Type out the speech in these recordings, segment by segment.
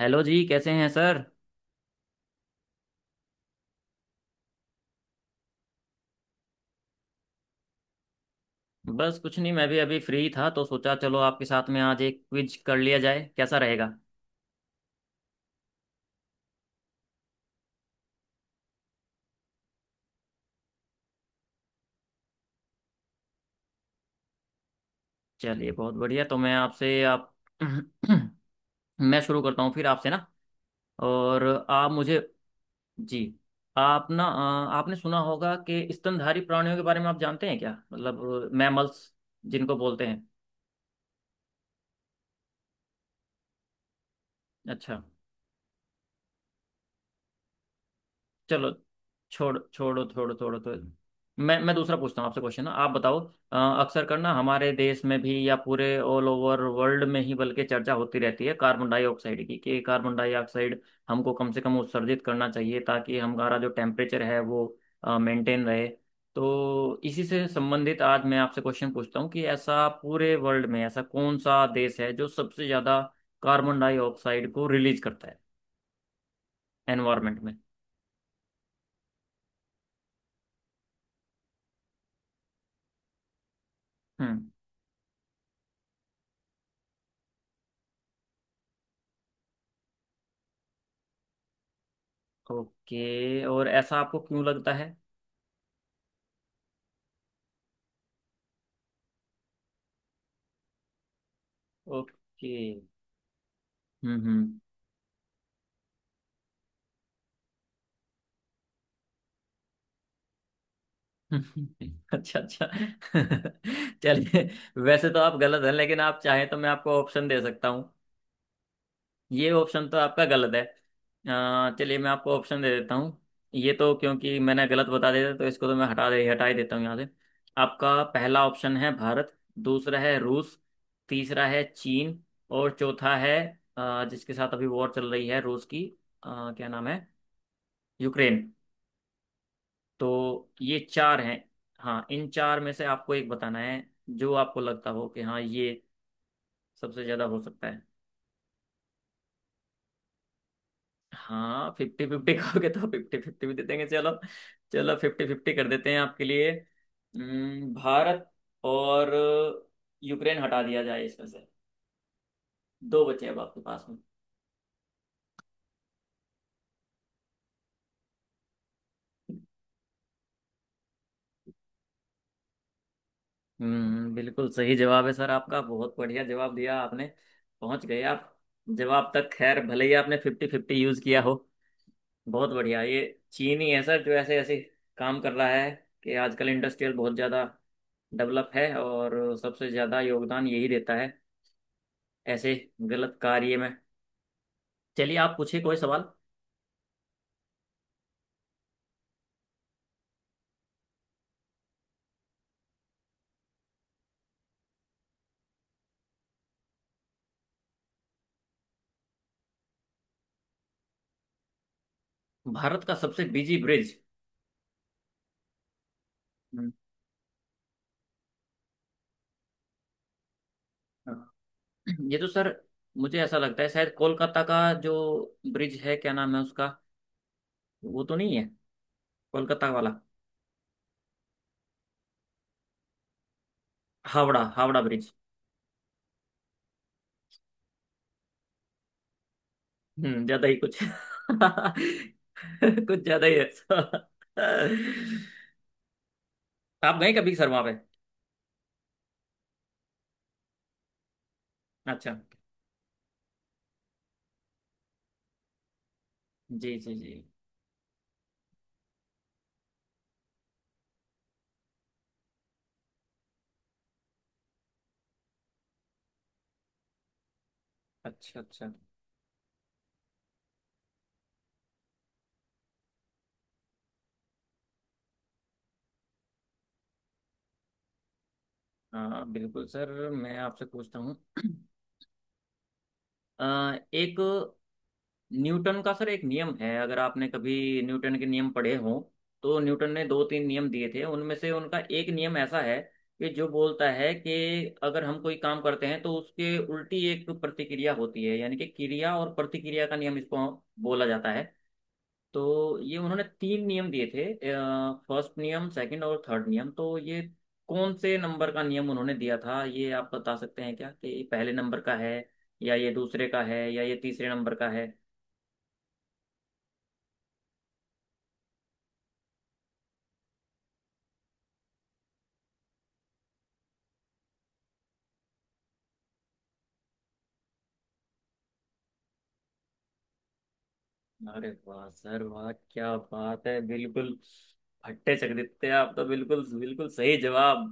Hello जी। कैसे हैं सर। बस कुछ नहीं, मैं भी अभी फ्री था तो सोचा चलो आपके साथ में आज एक क्विज कर लिया जाए, कैसा रहेगा। चलिए बहुत बढ़िया। तो मैं आपसे आप मैं शुरू करता हूँ फिर आपसे ना। और आप मुझे जी आप ना आपने सुना होगा कि स्तनधारी प्राणियों के बारे में आप जानते हैं क्या, मतलब मैमल्स जिनको बोलते हैं। अच्छा चलो छोड़ छोड़ो छोड़ो छोड़ो तो मैं दूसरा पूछता हूँ आपसे क्वेश्चन, आप बताओ। अ, अक्सर करना हमारे देश में भी या पूरे ऑल ओवर वर्ल्ड में ही बल्कि चर्चा होती रहती है कार्बन डाइऑक्साइड की, कि कार्बन डाइऑक्साइड हमको कम से कम उत्सर्जित करना चाहिए ताकि हमारा जो टेम्परेचर है वो मेंटेन रहे। तो इसी से संबंधित आज मैं आपसे क्वेश्चन पूछता हूँ कि ऐसा पूरे वर्ल्ड में ऐसा कौन सा देश है जो सबसे ज़्यादा कार्बन डाइऑक्साइड को रिलीज करता है एनवायरमेंट में। हम्म। ओके, और ऐसा आपको क्यों लगता है। ओके। हम्म। हम्म। अच्छा अच्छा। चलिए, वैसे तो आप गलत हैं, लेकिन आप चाहें तो मैं आपको ऑप्शन दे सकता हूँ। ये ऑप्शन तो आपका गलत है। चलिए मैं आपको ऑप्शन दे देता हूँ। ये तो क्योंकि मैंने गलत बता दिया था, तो इसको तो मैं हटा दे हटा ही देता हूँ यहाँ से। आपका पहला ऑप्शन है भारत, दूसरा है रूस, तीसरा है चीन, और चौथा है जिसके साथ अभी वॉर चल रही है रूस की, क्या नाम है, यूक्रेन। तो ये चार हैं। हाँ इन चार में से आपको एक बताना है जो आपको लगता हो कि हाँ ये सबसे ज्यादा हो सकता है। हाँ फिफ्टी फिफ्टी कहोगे तो फिफ्टी फिफ्टी भी दे देंगे, चलो। चलो फिफ्टी फिफ्टी कर देते हैं आपके लिए। भारत और यूक्रेन हटा दिया जाए इसमें से, दो बचे अब आपके पास में। हम्म, बिल्कुल सही जवाब है सर आपका, बहुत बढ़िया जवाब दिया आपने, पहुंच गए आप जवाब तक, खैर भले ही आपने फिफ्टी फिफ्टी यूज किया हो। बहुत बढ़िया। ये चीन ही है सर जो ऐसे ऐसे काम कर रहा है कि आजकल इंडस्ट्रियल बहुत ज़्यादा डेवलप है और सबसे ज़्यादा योगदान यही देता है ऐसे गलत कार्य में। चलिए आप पूछिए कोई सवाल। भारत का सबसे बिजी ब्रिज? ये तो सर मुझे ऐसा लगता है शायद कोलकाता का जो ब्रिज है, क्या नाम है उसका, वो तो नहीं है कोलकाता वाला? हावड़ा, हावड़ा ब्रिज। हम्म, ज़्यादा ही कुछ। कुछ ज़्यादा ही अच्छा। आप गए कभी सर वहाँ पे? अच्छा, जी जी जी। अच्छा अच्छा। हाँ बिल्कुल सर, मैं आपसे पूछता हूँ। अ, एक न्यूटन का सर एक नियम है, अगर आपने कभी न्यूटन के नियम पढ़े हों, तो न्यूटन ने दो तीन नियम दिए थे उनमें से उनका एक नियम ऐसा है कि जो बोलता है कि अगर हम कोई काम करते हैं तो उसके उल्टी एक प्रतिक्रिया होती है, यानी कि क्रिया और प्रतिक्रिया का नियम इसको बोला जाता है। तो ये उन्होंने तीन नियम दिए थे, फर्स्ट नियम, सेकंड और थर्ड नियम, तो ये कौन से नंबर का नियम उन्होंने दिया था, ये आप बता सकते हैं क्या, कि ये पहले नंबर का है या ये दूसरे का है या ये तीसरे नंबर का है। अरे वाह सर, वाह क्या बात है, बिल्कुल फट्टे चक, आप तो बिल्कुल बिल्कुल सही जवाब,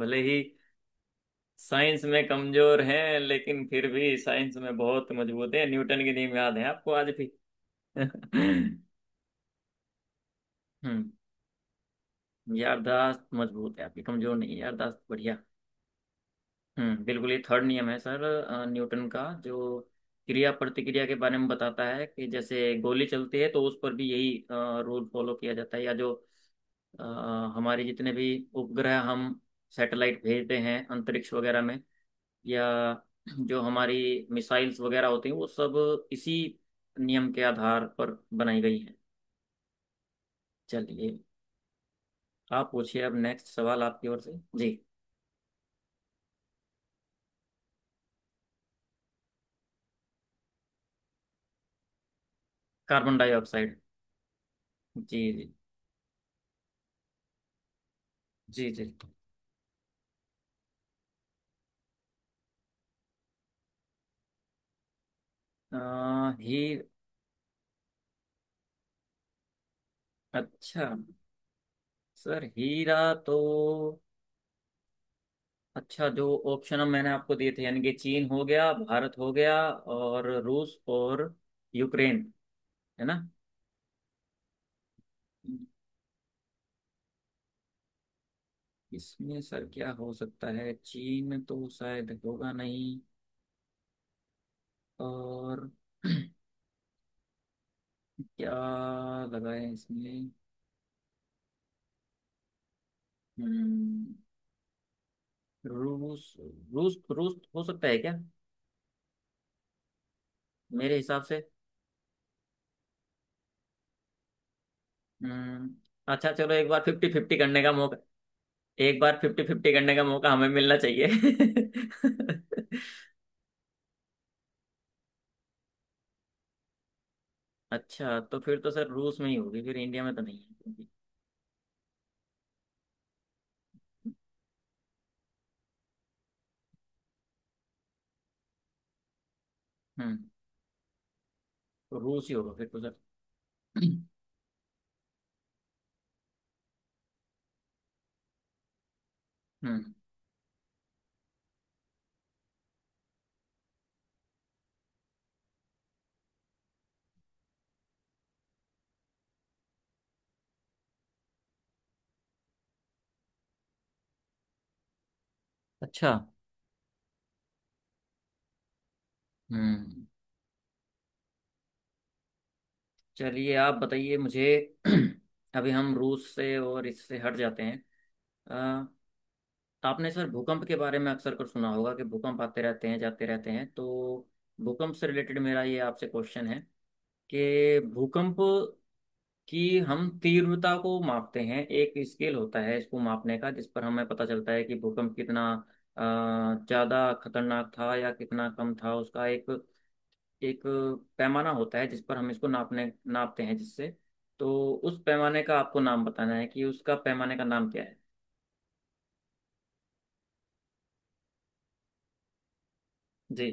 भले ही साइंस में कमजोर हैं लेकिन फिर भी साइंस में बहुत मजबूत है, न्यूटन के नियम याद है आपको आज भी। हम्म। यारदाश्त मजबूत है आपकी, कमजोर नहीं है यारदाश्त, बढ़िया। बिल्कुल, ये थर्ड नियम है सर न्यूटन का, जो क्रिया प्रतिक्रिया के बारे में बताता है, कि जैसे गोली चलती है तो उस पर भी यही रूल फॉलो किया जाता है, या जो अ, हमारे जितने भी उपग्रह हम सैटेलाइट भेजते हैं अंतरिक्ष वगैरह में, या जो हमारी मिसाइल्स वगैरह होती हैं वो सब इसी नियम के आधार पर बनाई गई हैं। चलिए आप पूछिए अब नेक्स्ट सवाल आपकी ओर से। जी कार्बन डाइऑक्साइड, जी जी जी जी। आ, ही। अच्छा सर हीरा तो, अच्छा, जो ऑप्शन मैंने आपको दिए थे, यानी कि चीन हो गया, भारत हो गया और रूस और यूक्रेन, है ना। इसमें सर क्या हो सकता है, चीन तो शायद होगा नहीं, और क्या लगाए इसमें। हम्म, रूस, रूस हो सकता है क्या, मेरे हिसाब से। हम्म, अच्छा चलो एक बार फिफ्टी फिफ्टी करने का, एक बार फिफ्टी फिफ्टी करने का मौका हमें मिलना चाहिए। अच्छा तो फिर तो सर रूस में ही होगी फिर, इंडिया में तो नहीं है क्योंकि। हम्म। तो रूस ही होगा फिर तो सर। हम्म। अच्छा। हम्म। चलिए आप बताइए मुझे। अभी हम रूस से और इससे हट जाते हैं। अ, तो आपने सर भूकंप के बारे में अक्सर कर सुना होगा कि भूकंप आते रहते हैं जाते रहते हैं, तो भूकंप से रिलेटेड मेरा ये आपसे क्वेश्चन है कि भूकंप कि हम तीव्रता को मापते हैं, एक स्केल होता है इसको मापने का, जिस पर हमें पता चलता है कि भूकंप कितना ज्यादा खतरनाक था या कितना कम था, उसका एक एक पैमाना होता है जिस पर हम इसको नापने नापते हैं, जिससे, तो उस पैमाने का आपको नाम बताना है कि उसका पैमाने का नाम क्या है। जी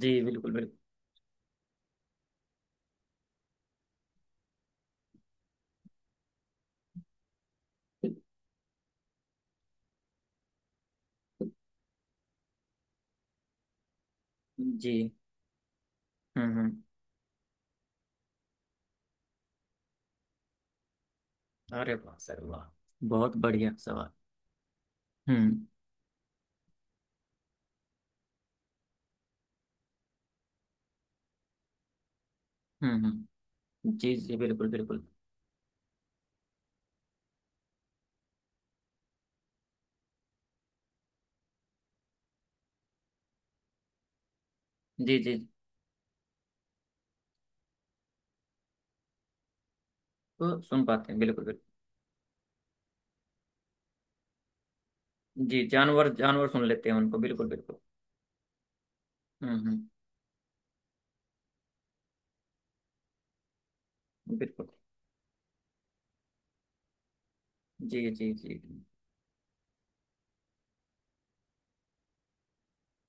जी बिल्कुल बिल्कुल। जी। हम्म। अरे वाह सर, वाह, बहुत बढ़िया सवाल। हम्म हम्म। जी जी बिल्कुल बिल्कुल। जी जी, तो सुन पाते हैं बिल्कुल बिल्कुल। जी, जानवर जानवर सुन लेते हैं उनको, बिल्कुल बिल्कुल। हम्म। बिल्कुल। जी जी जी।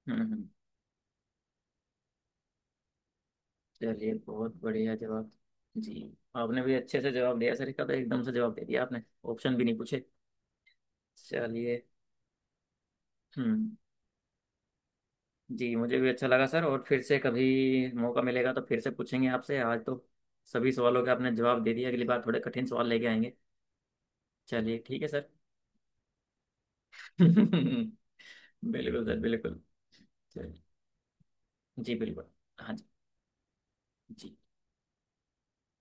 हम्म। चलिए बहुत बढ़िया जवाब। जी आपने भी अच्छे से जवाब दिया सर का, तो एकदम से जवाब दे दिया आपने, ऑप्शन भी नहीं पूछे। चलिए। हम्म। जी मुझे भी अच्छा लगा सर, और फिर से कभी मौका मिलेगा तो फिर से पूछेंगे आपसे, आज तो सभी सवालों के आपने जवाब दे दिया, अगली बार थोड़े कठिन सवाल लेके आएंगे। चलिए ठीक है सर। बिल्कुल सर, बिल्कुल। चलिए। जी बिल्कुल। हाँ जी। जी।